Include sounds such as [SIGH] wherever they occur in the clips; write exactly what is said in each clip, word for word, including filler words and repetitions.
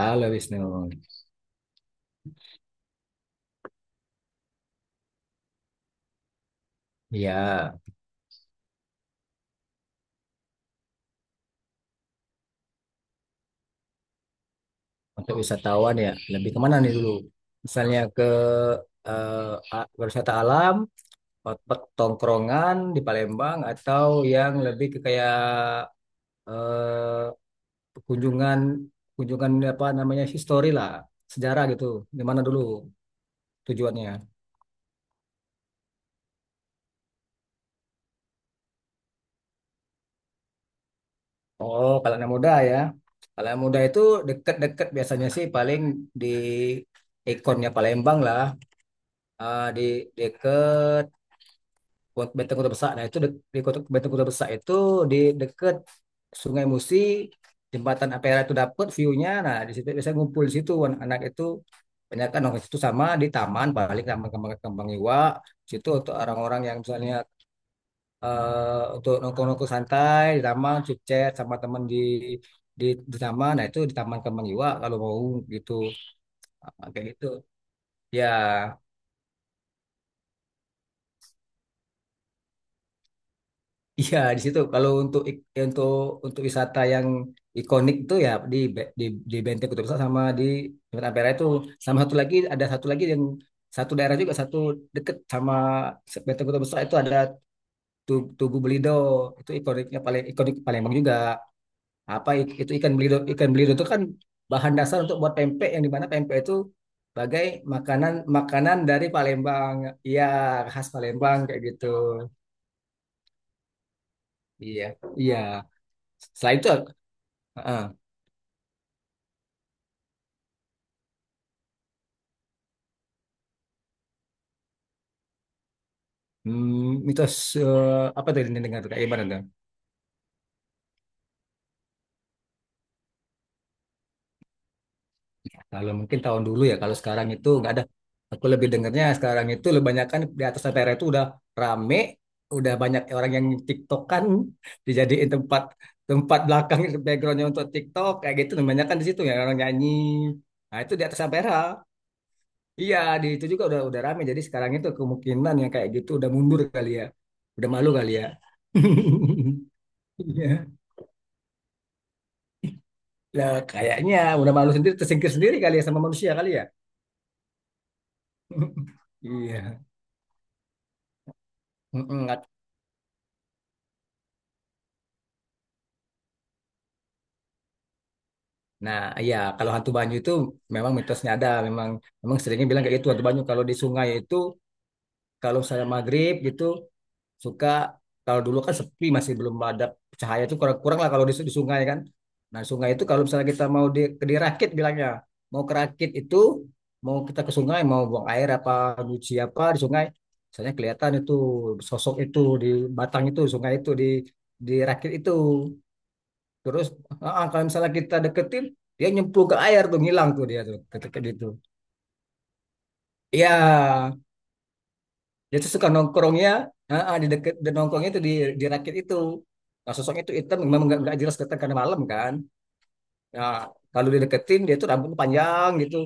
Halo Wisnu, ya untuk wisatawan ya lebih kemana nih dulu? Misalnya ke eh, a- wisata alam, otak tongkrongan di Palembang atau yang lebih ke kayak eh, kunjungan kunjungan apa namanya history lah, sejarah gitu. Di mana dulu tujuannya? Oh, kalau anak muda ya. Kalau anak muda itu deket-deket biasanya sih paling di ikonnya Palembang lah, eh, di, di Kota Benteng Kota Besar. Nah, itu dek- di Kota Benteng Kota Besar itu di dekat Sungai Musi, jembatan Ampera itu dapat view-nya. Nah, di situ biasanya ngumpul di situ anak-anak itu banyak kan orang situ sama di taman balik taman kembang kembang iwa. Di situ untuk orang-orang yang misalnya eh, untuk nongkrong-nongkrong santai di taman chat sama teman di di di taman, nah itu di taman kembang iwa kalau mau gitu. Ah, kayak gitu ya. Iya di situ. Kalau untuk ik- untuk untuk wisata yang ikonik itu ya di Be- di, di Benteng Kutub Besar sama di Jembatan Ampera itu, sama satu lagi, ada satu lagi yang satu daerah juga, satu deket sama Benteng Kutub Besar itu ada Tu- Tugu Belido, itu ikoniknya, paling ikonik Palembang juga. Apa i- itu ikan belido, ikan belido itu kan bahan dasar untuk buat pempek, yang dimana pempek itu sebagai makanan makanan dari Palembang. Iya khas Palembang kayak gitu. Iya iya. Selain itu, Ah, hmm, mitos, eh, apa tadi yang dengar kayak gimana tuh? Kalau mungkin tahun dulu ya, kalau sekarang itu nggak ada. Aku lebih dengarnya sekarang itu lebih banyakan di atas daerah itu udah rame, udah banyak orang yang TikTokan [LAUGHS] dijadiin tempat, tempat belakang [LAUGHS] backgroundnya untuk TikTok kayak gitu. Kebanyakan di situ ya orang nyanyi. Nah itu di atas daerah. Iya di itu juga udah udah rame. Jadi sekarang itu kemungkinan yang kayak gitu udah mundur kali ya, udah malu kali ya. [LAUGHS] Iya. Nah, kayaknya udah malu sendiri, tersingkir sendiri kali ya sama manusia kali ya. [LAUGHS] Iya. Mm-mm. Nah, iya kalau hantu banyu itu memang mitosnya ada, memang memang seringnya bilang kayak gitu, hantu banyu kalau di sungai itu, kalau saya maghrib gitu suka, kalau dulu kan sepi, masih belum ada cahaya itu, kurang-kurang lah kalau di, di sungai kan. Nah sungai itu kalau misalnya kita mau di, ke- dirakit bilangnya, mau kerakit itu, mau kita ke sungai mau buang air apa, nyuci apa di sungai, misalnya kelihatan itu sosok itu di batang itu sungai itu di dirakit itu. Terus ah, ah, kalau misalnya kita deketin, dia nyemplung ke air tuh, ngilang tuh dia tuh ketika gitu. Iya. Dia tuh suka nongkrongnya ah, ah, di deket, di nongkrongnya itu di di rakit itu. Nah, sosok itu hitam, memang nggak nggak jelas kelihatan karena malam kan. Nah, kalau dideketin dia tuh rambutnya panjang gitu.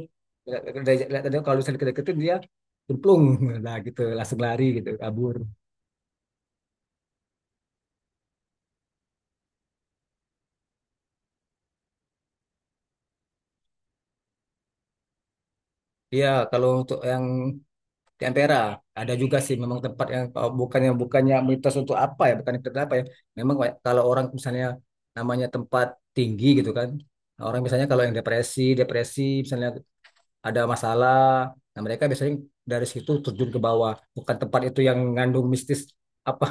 Lihat- lihat- lihat- lihat- Kalau misalnya dideketin, dia cemplung [LAUGHS] lah gitu, langsung lari gitu, kabur. Iya, kalau untuk yang di Ampera ada juga sih memang, tempat yang, oh, bukannya bukannya mitos untuk apa ya, bukan itu apa ya. Memang kayak kalau orang misalnya, namanya tempat tinggi gitu kan. Nah, orang misalnya kalau yang depresi, depresi misalnya ada masalah. Nah, mereka biasanya dari situ terjun ke bawah. Bukan tempat itu yang ngandung mistis apa,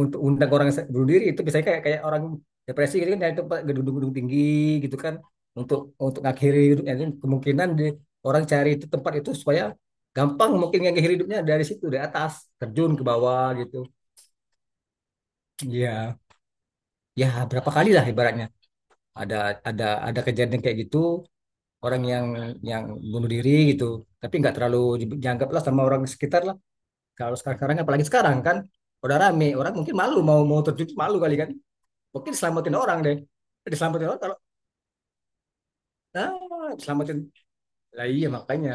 untuk undang orang bunuh diri itu biasanya kayak kayak orang depresi gitu kan, dari tempat gedung-gedung tinggi gitu kan, untuk untuk ngakhiri hidupnya. Jadi kemungkinan di, orang cari itu tempat itu supaya gampang mungkin ngakhiri hidupnya dari situ, dari atas terjun ke bawah gitu. Iya. Ya berapa kali lah ibaratnya ada, ada ada kejadian kayak gitu, orang yang yang bunuh diri gitu, tapi nggak terlalu dianggap lah sama orang sekitar lah, kalau sekarang sekarang apalagi sekarang kan udah rame, orang mungkin malu, mau mau terjun, malu kali kan, mungkin selamatin orang deh, diselamatin orang, kalau ah selamatin lah, iya makanya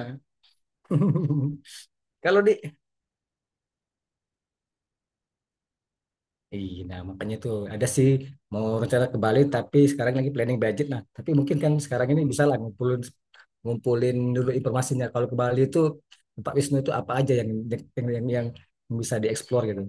[LAUGHS] kalau di. Iya, nah makanya tuh ada sih mau rencana ke Bali, tapi sekarang lagi planning budget, nah tapi mungkin kan sekarang ini bisa lah ngumpulin ngumpulin dulu informasinya, kalau ke Bali itu tempat wisnu itu apa aja yang, yang yang, yang bisa dieksplor gitu.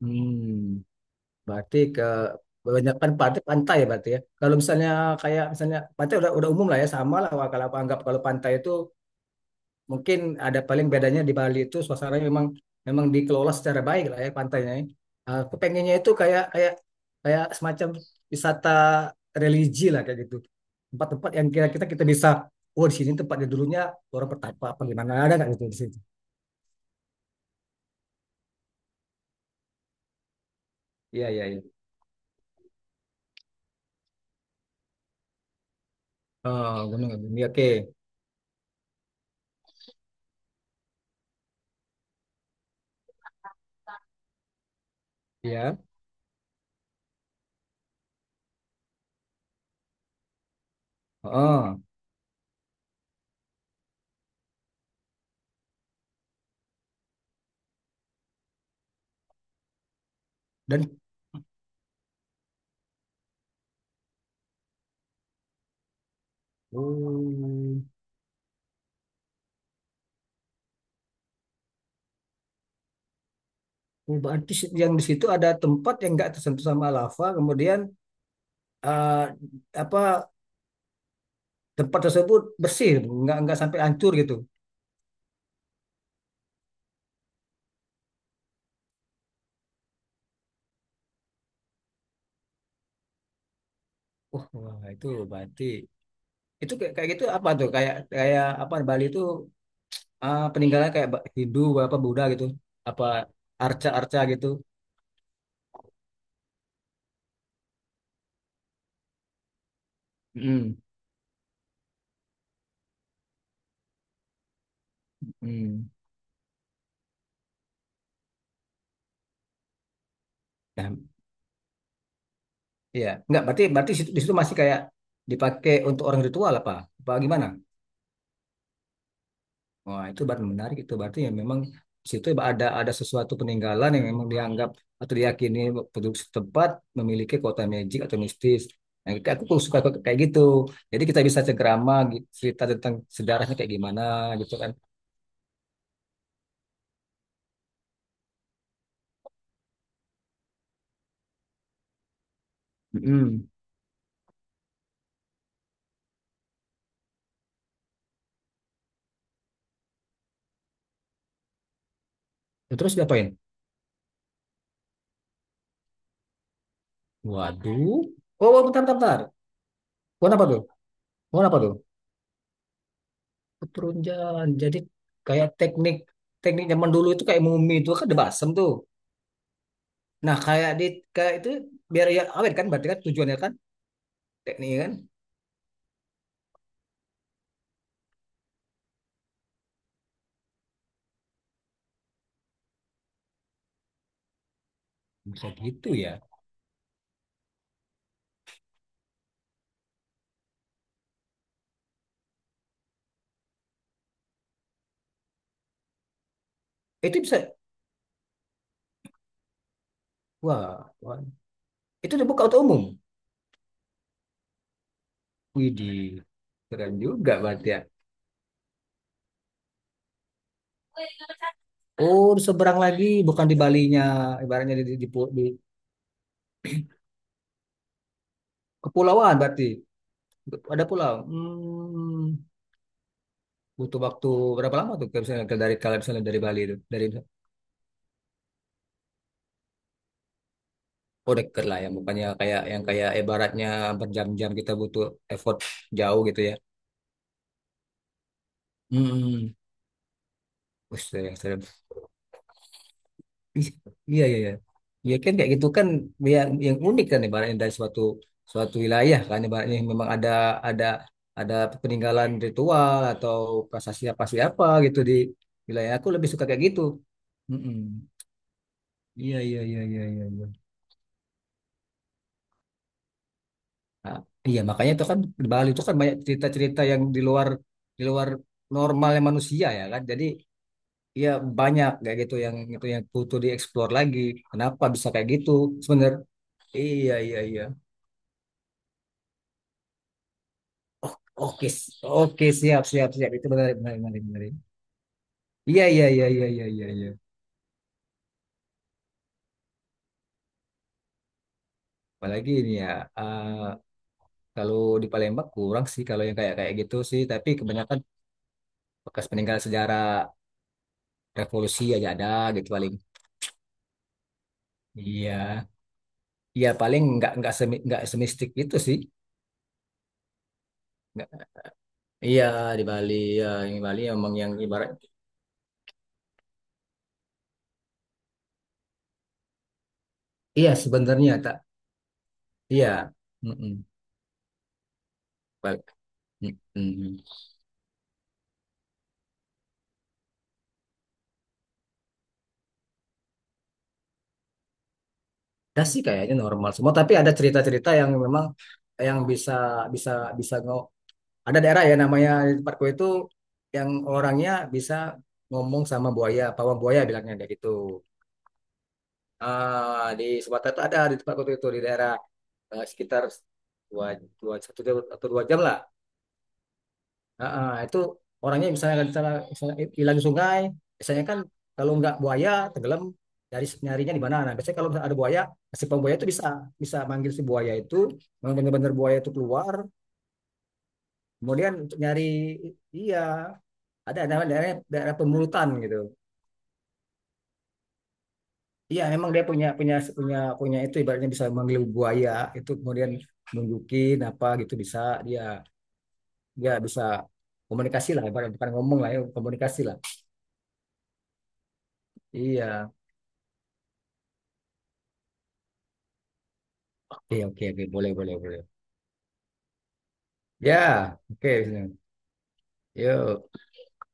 Hmm, berarti ke kebanyakan pantai pantai ya berarti ya. Kalau misalnya kayak misalnya pantai udah udah umum lah ya, sama lah. Wah, kalau aku anggap kalau pantai itu mungkin ada paling bedanya di Bali itu suasananya memang, memang dikelola secara baik lah ya pantainya, ya. Eh, Aku pengennya itu kayak, kayak kayak semacam wisata religi lah kayak gitu. Tempat-tempat yang kira kita kita bisa, oh di sini tempatnya dulunya orang pertapa apa gimana, ada nggak gitu di situ? Iya iya iya. Oh, Gunung Agung. Iya, oke. Iya. Oh, dan oh, oh, berarti si, yang di situ ada tempat yang nggak tersentuh sama lava, kemudian eh, apa tempat tersebut bersih, nggak nggak sampai hancur gitu. Wah wah, itu berarti itu kayak, kayak gitu apa tuh, kayak kayak apa Bali itu, ah, peninggalan kayak Ba- Hindu apa Buddha gitu, apa arca-arca gitu. Hmm. Hmm. Nah, iya nggak, berarti berarti situ- di situ masih kayak dipakai untuk orang ritual apa, apa gimana. Wah, itu baru menarik itu berarti ya, memang di situ ya ada ada sesuatu peninggalan yang memang dianggap atau diyakini penduduk setempat memiliki kota magic atau mistis. Nah, kayak aku suka kayak gitu. Jadi kita bisa cengkerama gitu, cerita tentang sejarahnya kayak gimana gitu kan. Mm-mm. Terus diapain? Waduh. Oh, oh, bentar, bentar, bentar. Warna apa tuh? Warna apa tuh? Keturunjan. Jadi kayak teknik teknik zaman dulu itu kayak mumi itu kan ada basem tuh. Nah, kayak di, kayak itu biar ya awet kan, berarti kan tujuannya kan teknik kan. Bisa gitu ya. Itu bisa, wah, wah. Itu dibuka untuk umum? Widih, keren juga berarti ya. Oh seberang lagi, bukan di Balinya ibaratnya, di, di, di, pu- di kepulauan berarti ada pulau. Hmm, butuh waktu berapa lama tuh kalau misalnya dari kalau misalnya dari Bali itu dari. Oh deket lah ya, bukannya kayak yang kayak ibaratnya berjam-jam, kita butuh effort jauh gitu ya. Hmm. Wih, serius, serius. Ih, iya, iya, iya. Ya kan kayak gitu kan, yang yang unik kan ibaratnya, dari suatu suatu wilayah kan ibaratnya memang ada, ada ada peninggalan ritual atau prasasti apa siapa gitu di wilayah, aku lebih suka kayak gitu. Mm-mm. Iya, iya, iya, iya, iya, iya. Nah, iya, makanya itu kan di Bali itu kan banyak cerita-cerita yang di luar di luar normalnya manusia ya kan. Jadi ya banyak kayak gitu yang itu yang butuh dieksplor lagi. Kenapa bisa kayak gitu? Sebenarnya iya, iya, iya. Oh, oke, oke, siap, siap, siap. Itu benar, benar, benar, benar. Iya, iya, iya, iya, iya, iya, iya. Apalagi ini ya, eh, kalau di Palembang kurang sih kalau yang kayak kayak gitu sih. Tapi kebanyakan bekas peninggalan sejarah revolusi aja ada gitu paling. Iya, iya paling nggak nggak semi, nggak semistik itu sih. Nggak- Iya di Bali, ya, yang di Bali emang yang ibarat. Iya sebenarnya tak. Iya. Mm-mm. Bal- mm-mm. Ada sih kayaknya normal semua, tapi ada cerita-cerita yang memang, yang bisa bisa bisa ngo ada daerah ya namanya di tempatku itu, yang orangnya bisa ngomong sama buaya, pawang buaya bilangnya kayak gitu. Ah, di Sumatera itu ada di tempatku itu, itu di daerah, eh, sekitar dua, dua, satu atau dua jam lah. Ah, ah, itu orangnya misalnya kan misalnya misalnya hilang di sungai, biasanya kan kalau nggak buaya tenggelam, dari nyarinya di mana. Nah, biasanya kalau misalnya ada buaya, si pembuaya itu bisa bisa manggil si buaya itu, memang benar-benar buaya itu keluar, kemudian untuk nyari. Iya ada namanya daerah daerah pemulutan gitu. Iya, memang dia punya punya punya punya itu ibaratnya, bisa manggil buaya itu kemudian nunjukin apa gitu, bisa dia dia bisa komunikasi lah ibaratnya, bukan ngomong lah ya, komunikasi lah. Iya. Oke, oke, oke, boleh, boleh, boleh. Ya, oke, Wisnu. Yuk.